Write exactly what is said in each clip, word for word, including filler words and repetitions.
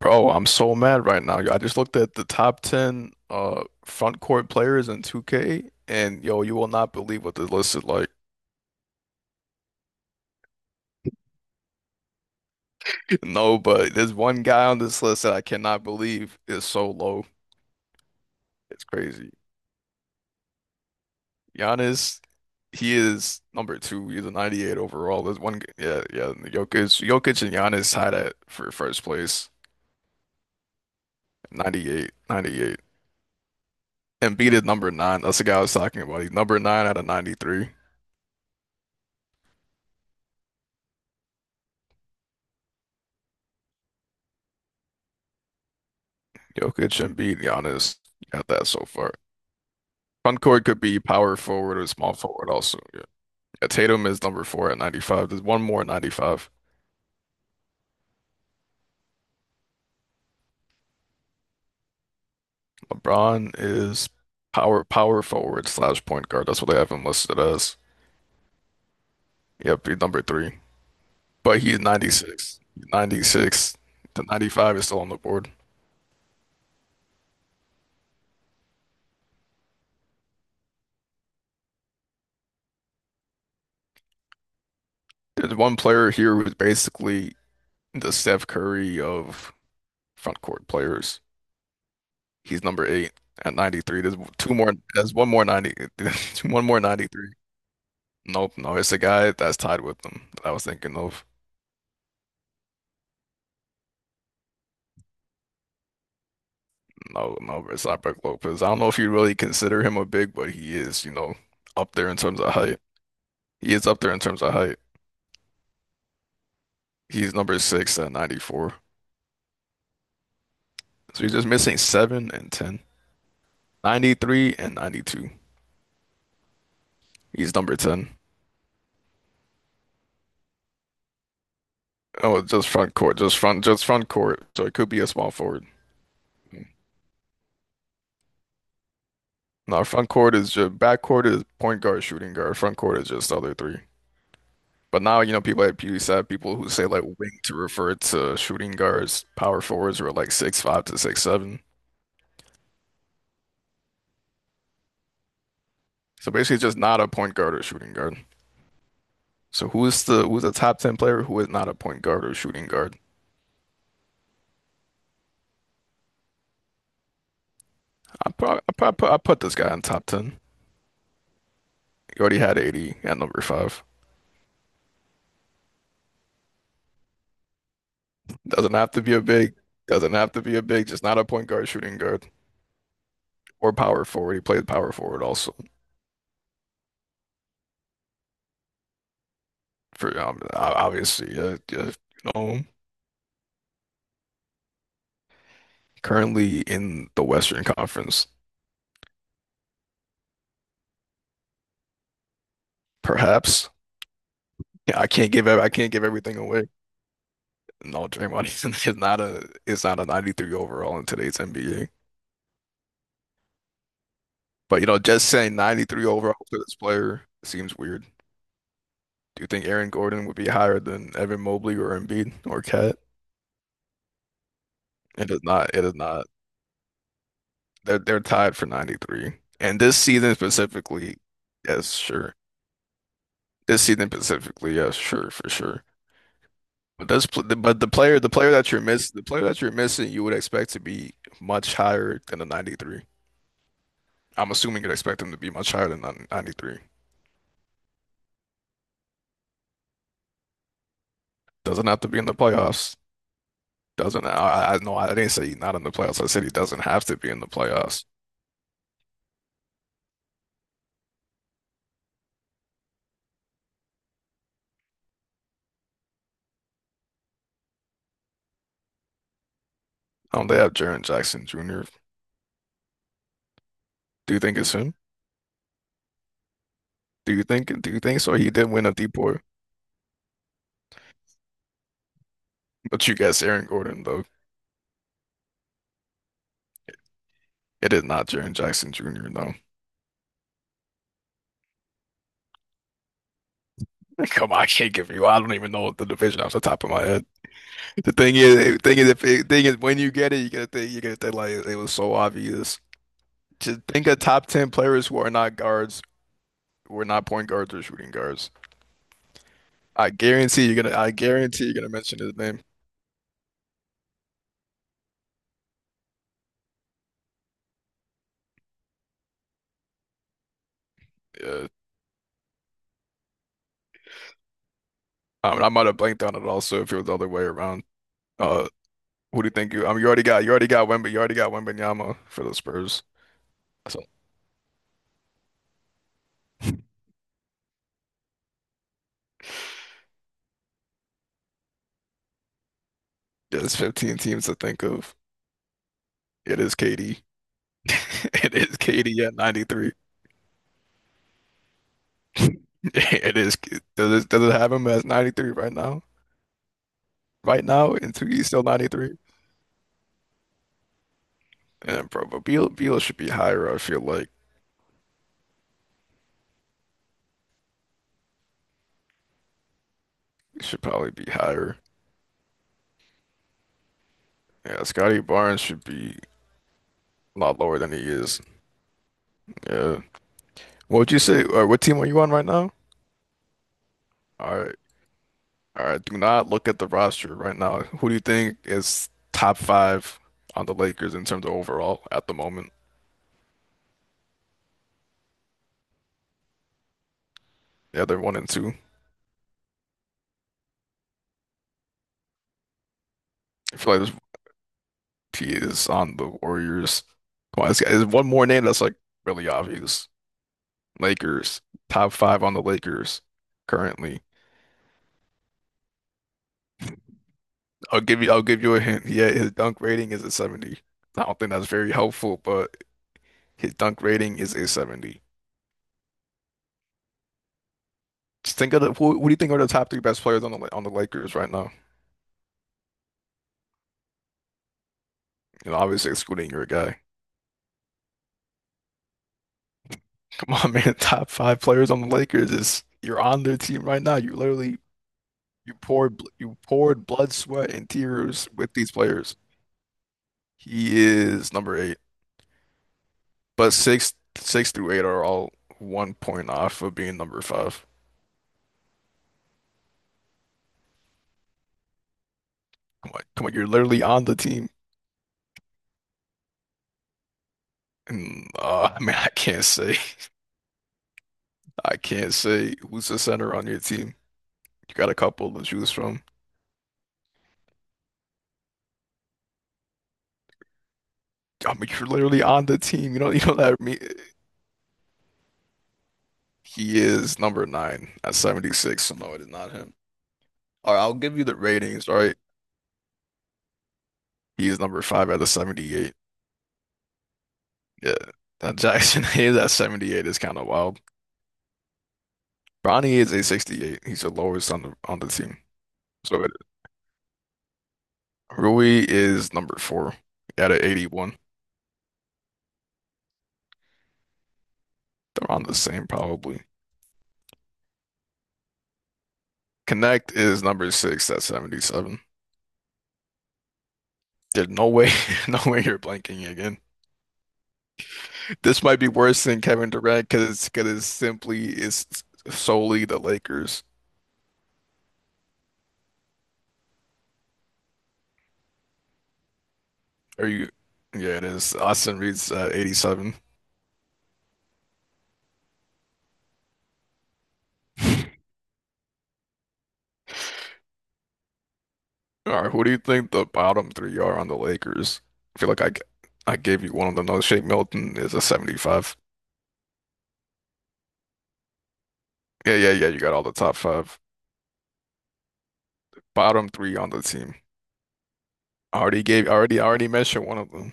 Bro, I'm so mad right now. I just looked at the top ten uh front court players in two K and yo, you will not believe what the list is like. No, but there's one guy on this list that I cannot believe is so low. It's crazy. Giannis, he is number two. He's a ninety-eight overall. There's one g- yeah, yeah, Jokic, Jokic and Giannis tied at for first place. ninety-eight, ninety-eight. Embiid is number nine. That's the guy I was talking about. He's number nine out of ninety-three. Jokic, Embiid, Giannis. You got that so far. Concord could be power forward or small forward also. Yeah. Yeah, Tatum is number four at ninety-five. There's one more at ninety-five. LeBron is power power forward slash point guard. That's what they have him listed as. Yep, he's number three. But he's ninety-six. ninety-six to ninety-five is still on the board. There's one player here who's basically the Steph Curry of front court players. He's number eight at ninety-three. There's two more. There's one more ninety. One more ninety-three. Nope, no, it's the guy that's tied with them that I was thinking of. No, no, it's not Brook Lopez. I don't know if you really consider him a big, but he is, you know, up there in terms of height. He is up there in terms of height. He's number six at ninety-four. So he's just missing seven and ten. ninety-three and ninety-two. He's number ten. Oh, just front court, just front, just front court. So it could be a small forward. No, front court is just back court is point guard, shooting guard. Front court is just the other three. But now, you know, people at PewDiePie, people who say like wing to refer to shooting guards, power forwards who are like six five to six seven. So basically just not a point guard or shooting guard. So who's the who's the top ten player who is not a point guard or shooting guard? I probably I prob- put I put this guy in top ten. He already had eighty at number five. Doesn't have to be a big, doesn't have to be a big, just not a point guard, shooting guard, or power forward. He played power forward also for um, o- obviously, uh, uh, you know, currently in the Western Conference. Perhaps. Yeah, I can't give ev- I can't give everything away. No, Draymond Green is not a is not a ninety-three overall in today's N B A. But you know, just saying ninety-three overall for this player seems weird. Do you think Aaron Gordon would be higher than Evan Mobley or Embiid or Cat? It is not. It is not. They're they're tied for ninety-three. And this season specifically, yes, sure. This season specifically, yes, sure, for sure. But this, pl- but the player, the player that you're miss, the player that you're missing, you would expect to be much higher than a ninety-three. I'm assuming you'd expect him to be much higher than nin- ninety-three. Doesn't have to be in the playoffs. Doesn't I, I no, I didn't say he's not in the playoffs. I said he doesn't have to be in the playoffs. Um, they have Jaren Jackson Junior Do you think it's him? Do you think do you think so? He did win a D P O Y, but you guess Aaron Gordon though. It is not Jaren Jackson Junior No, come on, I can't give you. I don't even know the division off the top of my head. The thing is, the thing is, if the thing is, when you get it, you get to think you get to think like it was so obvious. Just think of top ten players who are not guards. We're not point guards or shooting guards. I guarantee you're gonna. I guarantee you're gonna mention his name. Yeah. I mean, I might have blanked on it also if it was the other way around. Uh, who do you think you? I mean, you already got. You already got Wemby. You already got Wembanyama for the Spurs. So yeah, there's fifteen teams to think of. It is K D. It is K D at ninety-three. It is. Does it, does it, have him as ninety-three right now? Right now, in two, he's still ninety-three. And bro, but Beal Beal should be higher. I feel like he should probably be higher. Yeah, Scotty Barnes should be a lot lower than he is. Yeah. What would you say? Uh, what team are you on right now? All right. All right. Do not look at the roster right now. Who do you think is top five on the Lakers in terms of overall at the moment? Yeah, they're one and two. I feel like this P is on the Warriors. Come on, this guy- there's one more name that's like really obvious. Lakers. Top five on the Lakers currently. I'll give you I'll give you a hint. Yeah, his dunk rating is a seventy. I don't think that's very helpful, but his dunk rating is a seventy. Just think of the, who, who do you think are the top three best players on the on the Lakers right now? You know, obviously, excluding your guy. Come on, man. Top five players on the Lakers is you're on their team right now. You literally you poured bl- you poured blood, sweat, and tears with these players. He is number eight, but six six through eight are all one point off of being number five. Come on, come on. You're literally on the team, and uh, I mean, I can't say I can't say who's the center on your team. You got a couple to choose from. I mean, you're literally on the team. You know, you know that I mean? He is number nine at seventy-six. So no, it is not him. All right, I'll give you the ratings. All right, he is number five at the seventy-eight. Yeah, that Jackson Hayes at seventy-eight is kind of wild. Bronny is a sixty-eight. He's the lowest on the on the team. So it, Rui is number four at an eighty-one. They're on the same probably. Connect is number six at seventy-seven. There's no way, no way you're blanking again. This might be worse than Kevin Durant because because it's simply it's solely the Lakers. Are you? Yeah, it is. Austin Reed's uh, eighty-seven. All right, who do you think the bottom three are on the Lakers? I feel like I, g- I gave you one of them. No, Shake Milton is a seventy-five. Yeah, yeah, yeah. You got all the top five. Bottom three on the team. I already gave. I already I already mentioned one of them.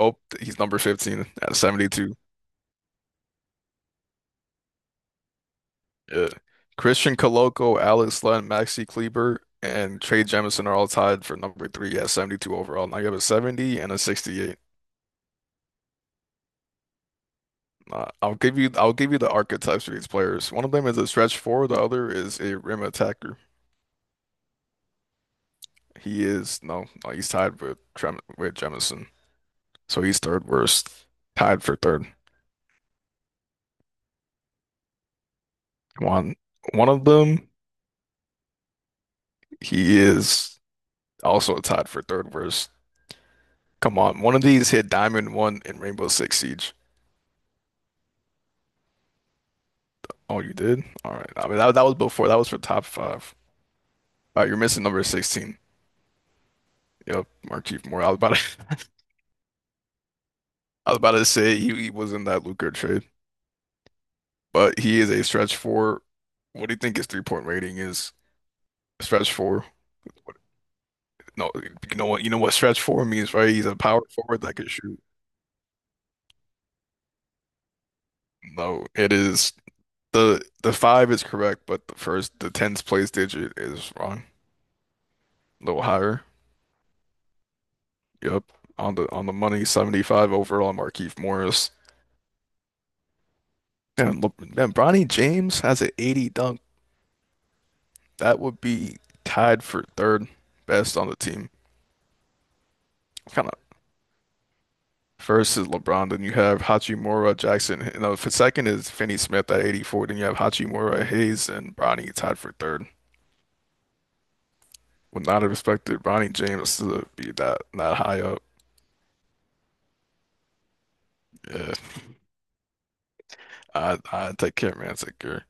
Oh, he's number fifteen at seventy-two. Yeah. Christian Coloco, Alex Len, Maxi Kleber, and Trey Jemison are all tied for number three at seventy-two overall. And I give a seventy and a sixty-eight. Uh, I'll give you I'll give you the archetypes for these players. One of them is a stretch four, the other is a rim attacker. He is No, no, he's tied with Trem with Jemison. So he's third worst, tied for third. One one of them, he is also tied for third worst. Come on, one of these hit Diamond One in Rainbow Six Siege. Oh, you did? All right. I mean, that, that was before. That was for top five. Uh, you're missing number sixteen. Yep, Markieff Moore. I was about to, I was about to say he, he was in that Luka trade, but he is a stretch four. What do you think his three point rating is? Stretch four. What- No, you know what? You know what stretch four means, right? He's a power forward that can shoot. No, it is the the five is correct, but the first the tens place digit is wrong. A little higher. Yep, on the on the money. seventy-five overall. Markieff Morris. And Le man, Bronny James has an eighty dunk. That would be tied for third best on the team. Kind of first is LeBron, then you have Hachimura, Jackson. You know, for second is Finney Smith at eighty-four. Then you have Hachimura, Hayes, and Bronny tied for third. Would not have expected Bronny James to be that that high up. Yeah, I I take care, man. Take care.